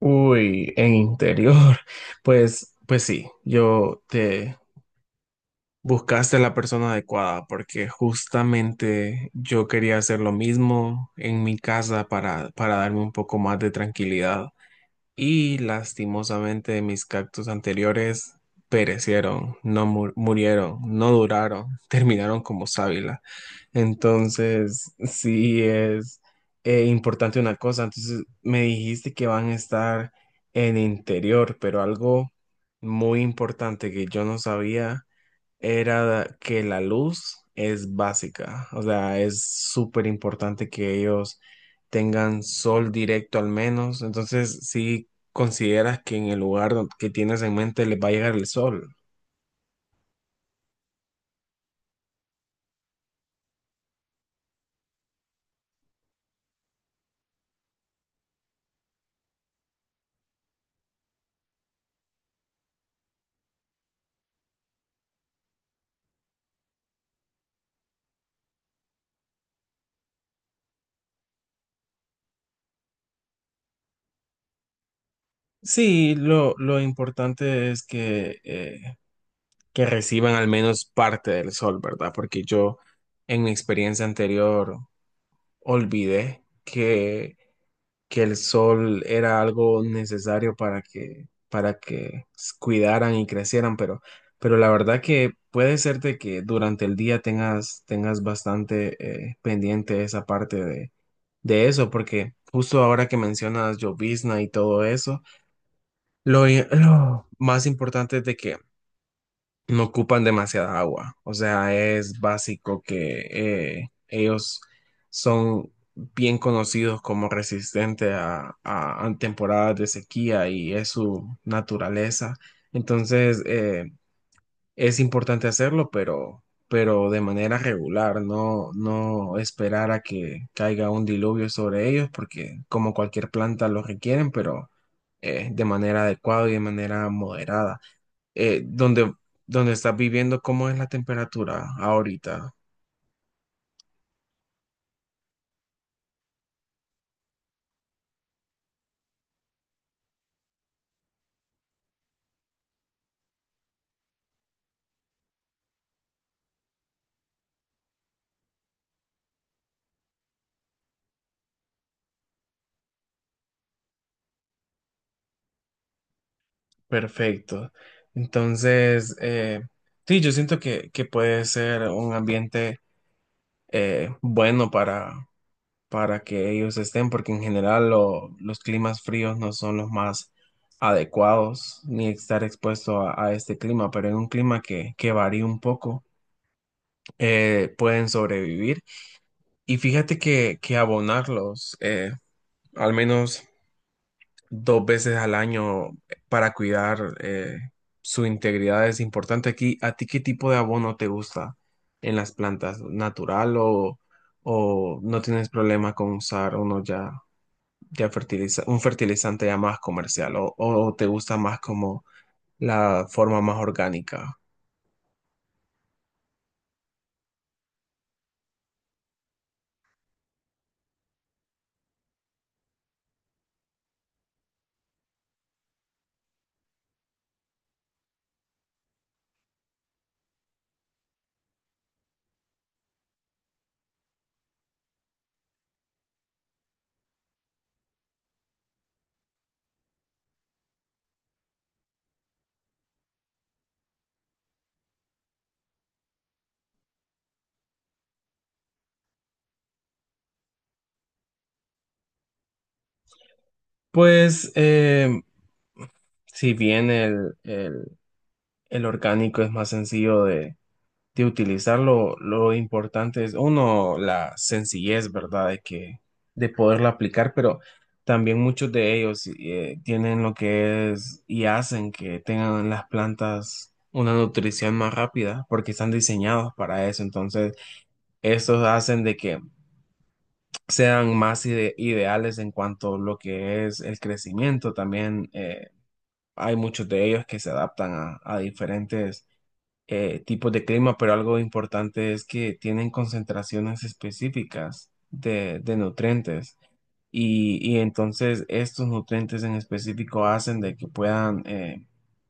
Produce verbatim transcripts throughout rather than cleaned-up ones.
Uy, en interior. Pues, pues sí, yo te buscaste la persona adecuada porque justamente yo quería hacer lo mismo en mi casa para, para darme un poco más de tranquilidad. Y lastimosamente mis cactus anteriores perecieron, no mu- murieron, no duraron, terminaron como sábila. Entonces, sí es eh, importante una cosa. Entonces, me dijiste que van a estar en interior, pero algo muy importante que yo no sabía era que la luz es básica, o sea, es súper importante que ellos tengan sol directo al menos. Entonces, si consideras que en el lugar don- que tienes en mente les va a llegar el sol. Sí, lo, lo importante es que, eh, que reciban al menos parte del sol, ¿verdad? Porque yo en mi experiencia anterior olvidé que que el sol era algo necesario para que, para que s- cuidaran y crecieran, pero, pero la verdad que puede ser de que durante el día tengas, tengas bastante eh, pendiente esa parte de, de eso, porque justo ahora que mencionas llovizna y todo eso, lo, i- lo más importante es de que no ocupan demasiada agua. O sea, es básico que eh, ellos son bien conocidos como resistentes a, a- a temporadas de sequía y es su naturaleza. Entonces, eh, es importante hacerlo, pero, pero de manera regular, no, no esperar a que caiga un diluvio sobre ellos, porque como cualquier planta lo requieren, pero eh, de manera adecuada y de manera moderada eh, donde, donde estás viviendo, ¿cómo es la temperatura ahorita? Perfecto. Entonces, eh, sí, yo siento que, que puede ser un ambiente eh, bueno para, para que ellos estén, porque en general lo- los climas fríos no son los más adecuados ni estar expuesto a, a este clima, pero en un clima que, que varía un poco, eh, pueden sobrevivir. Y fíjate que, que abonarlos, eh, al menos dos veces al año para cuidar eh, su integridad es importante. Aquí, ¿a ti qué tipo de abono te gusta en las plantas? ¿Natural o, o no tienes problema con usar uno ya, ya fertiliza, un fertilizante ya más comercial o, o te gusta más como la forma más orgánica? Pues eh, si bien el, el- el orgánico es más sencillo de, de utilizarlo, lo importante es, uno, la sencillez, ¿verdad? De que, de poderlo aplicar, pero también muchos de ellos eh, tienen lo que es y hacen que tengan las plantas una nutrición más rápida porque están diseñados para eso. Entonces, estos hacen de que sean más ide- ideales en cuanto a lo que es el crecimiento también. eh, Hay muchos de ellos que se adaptan a, a diferentes eh, tipos de clima, pero algo importante es que tienen concentraciones específicas de, de nutrientes y, y entonces estos nutrientes en específico hacen de que puedan eh,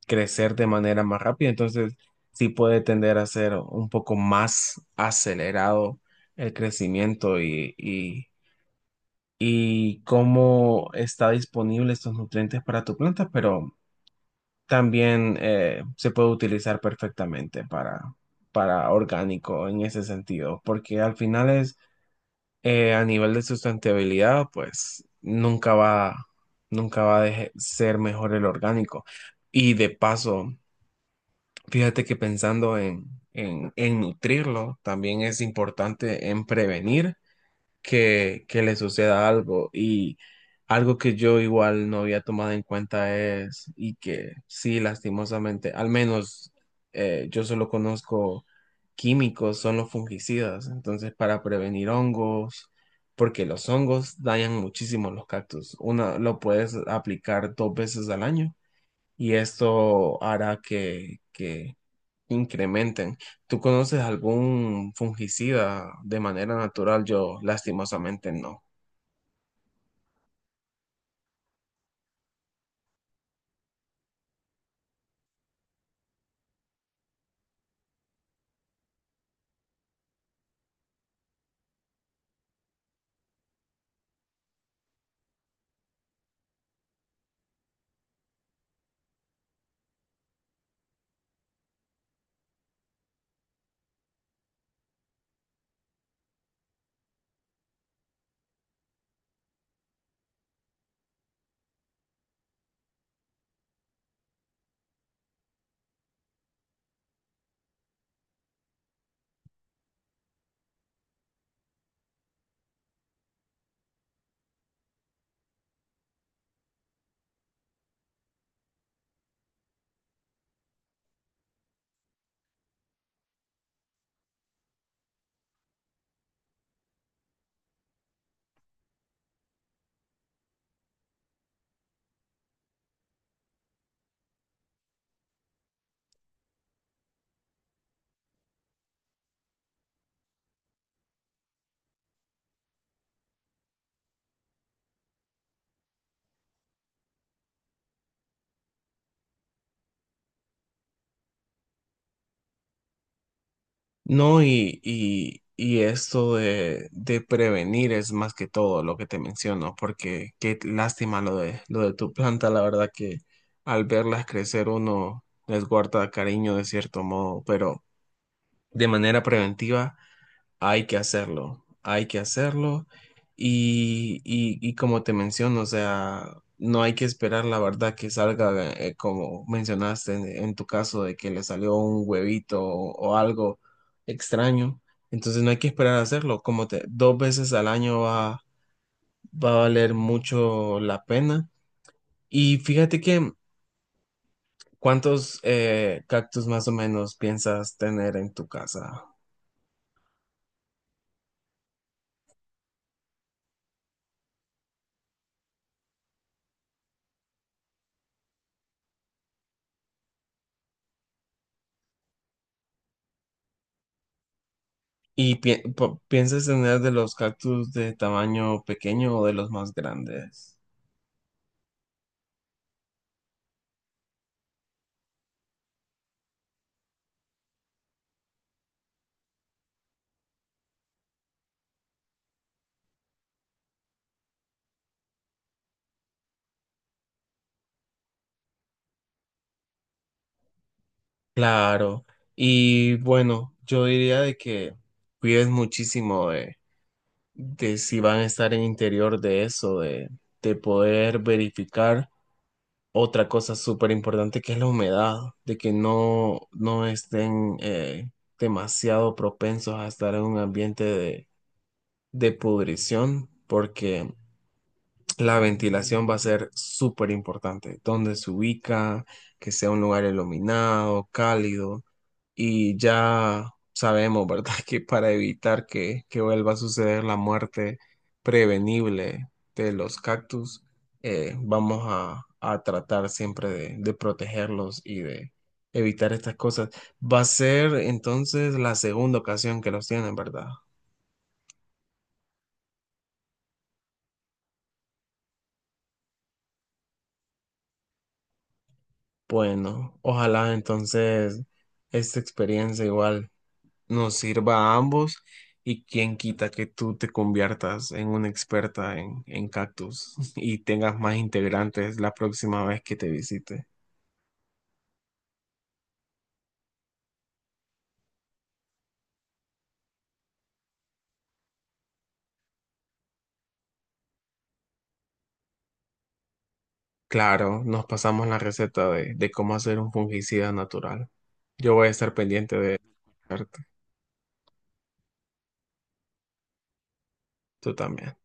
crecer de manera más rápida, entonces sí puede tender a ser un poco más acelerado el crecimiento y, y, y cómo está disponible estos nutrientes para tu planta, pero también eh, se puede utilizar perfectamente para, para orgánico en ese sentido, porque al final es eh, a nivel de sustentabilidad, pues nunca va, nunca va a deje- ser mejor el orgánico. Y de paso, fíjate que pensando en, en, en nutrirlo, también es importante en prevenir que, que le suceda algo. Y algo que yo igual no había tomado en cuenta es, y que sí, lastimosamente, al menos eh, yo solo conozco químicos, son los fungicidas. Entonces, para prevenir hongos, porque los hongos dañan muchísimo los cactus. Una lo puedes aplicar dos veces al año y esto hará que, que incrementen. ¿Tú conoces algún fungicida de manera natural? Yo lastimosamente no. No, y, y, y esto de, de prevenir es más que todo lo que te menciono, porque qué lástima lo de, lo de tu planta, la verdad que al verlas crecer uno les guarda cariño de cierto modo, pero de manera preventiva. Hay que hacerlo, hay que hacerlo. Y, y- y como te menciono, o sea, no hay que esperar la verdad que salga, eh, como mencionaste en, en tu caso, de que le salió un huevito o, o algo extraño. Entonces no hay que esperar a hacerlo. Como te, dos veces al año va, va a valer mucho la pena. Y fíjate que, ¿cuántos eh, cactus más o menos piensas tener en tu casa? ¿Y pi- po- piensas tener de los cactus de tamaño pequeño o de los más grandes? Claro. Y bueno, yo diría de que cuides muchísimo de, de si van a estar en interior de eso, de, de poder verificar otra cosa súper importante que es la humedad, de que no, no estén eh, demasiado propensos a estar en un ambiente de, de pudrición, porque la ventilación va a ser súper importante. Dónde se ubica, que sea un lugar iluminado, cálido. Y ya sabemos, ¿verdad? Que para evitar que, que vuelva a suceder la muerte prevenible de los cactus, eh, vamos a, a tratar siempre de, de protegerlos y de evitar estas cosas. Va a ser entonces la segunda ocasión que los tienen, ¿verdad? Bueno, ojalá entonces esta experiencia igual nos sirva a ambos y quién quita que tú te conviertas en una experta en, en cactus y tengas más integrantes la próxima vez que te visite. Claro, nos pasamos la receta de, de cómo hacer un fungicida natural. Yo voy a estar pendiente de arte. Tú también.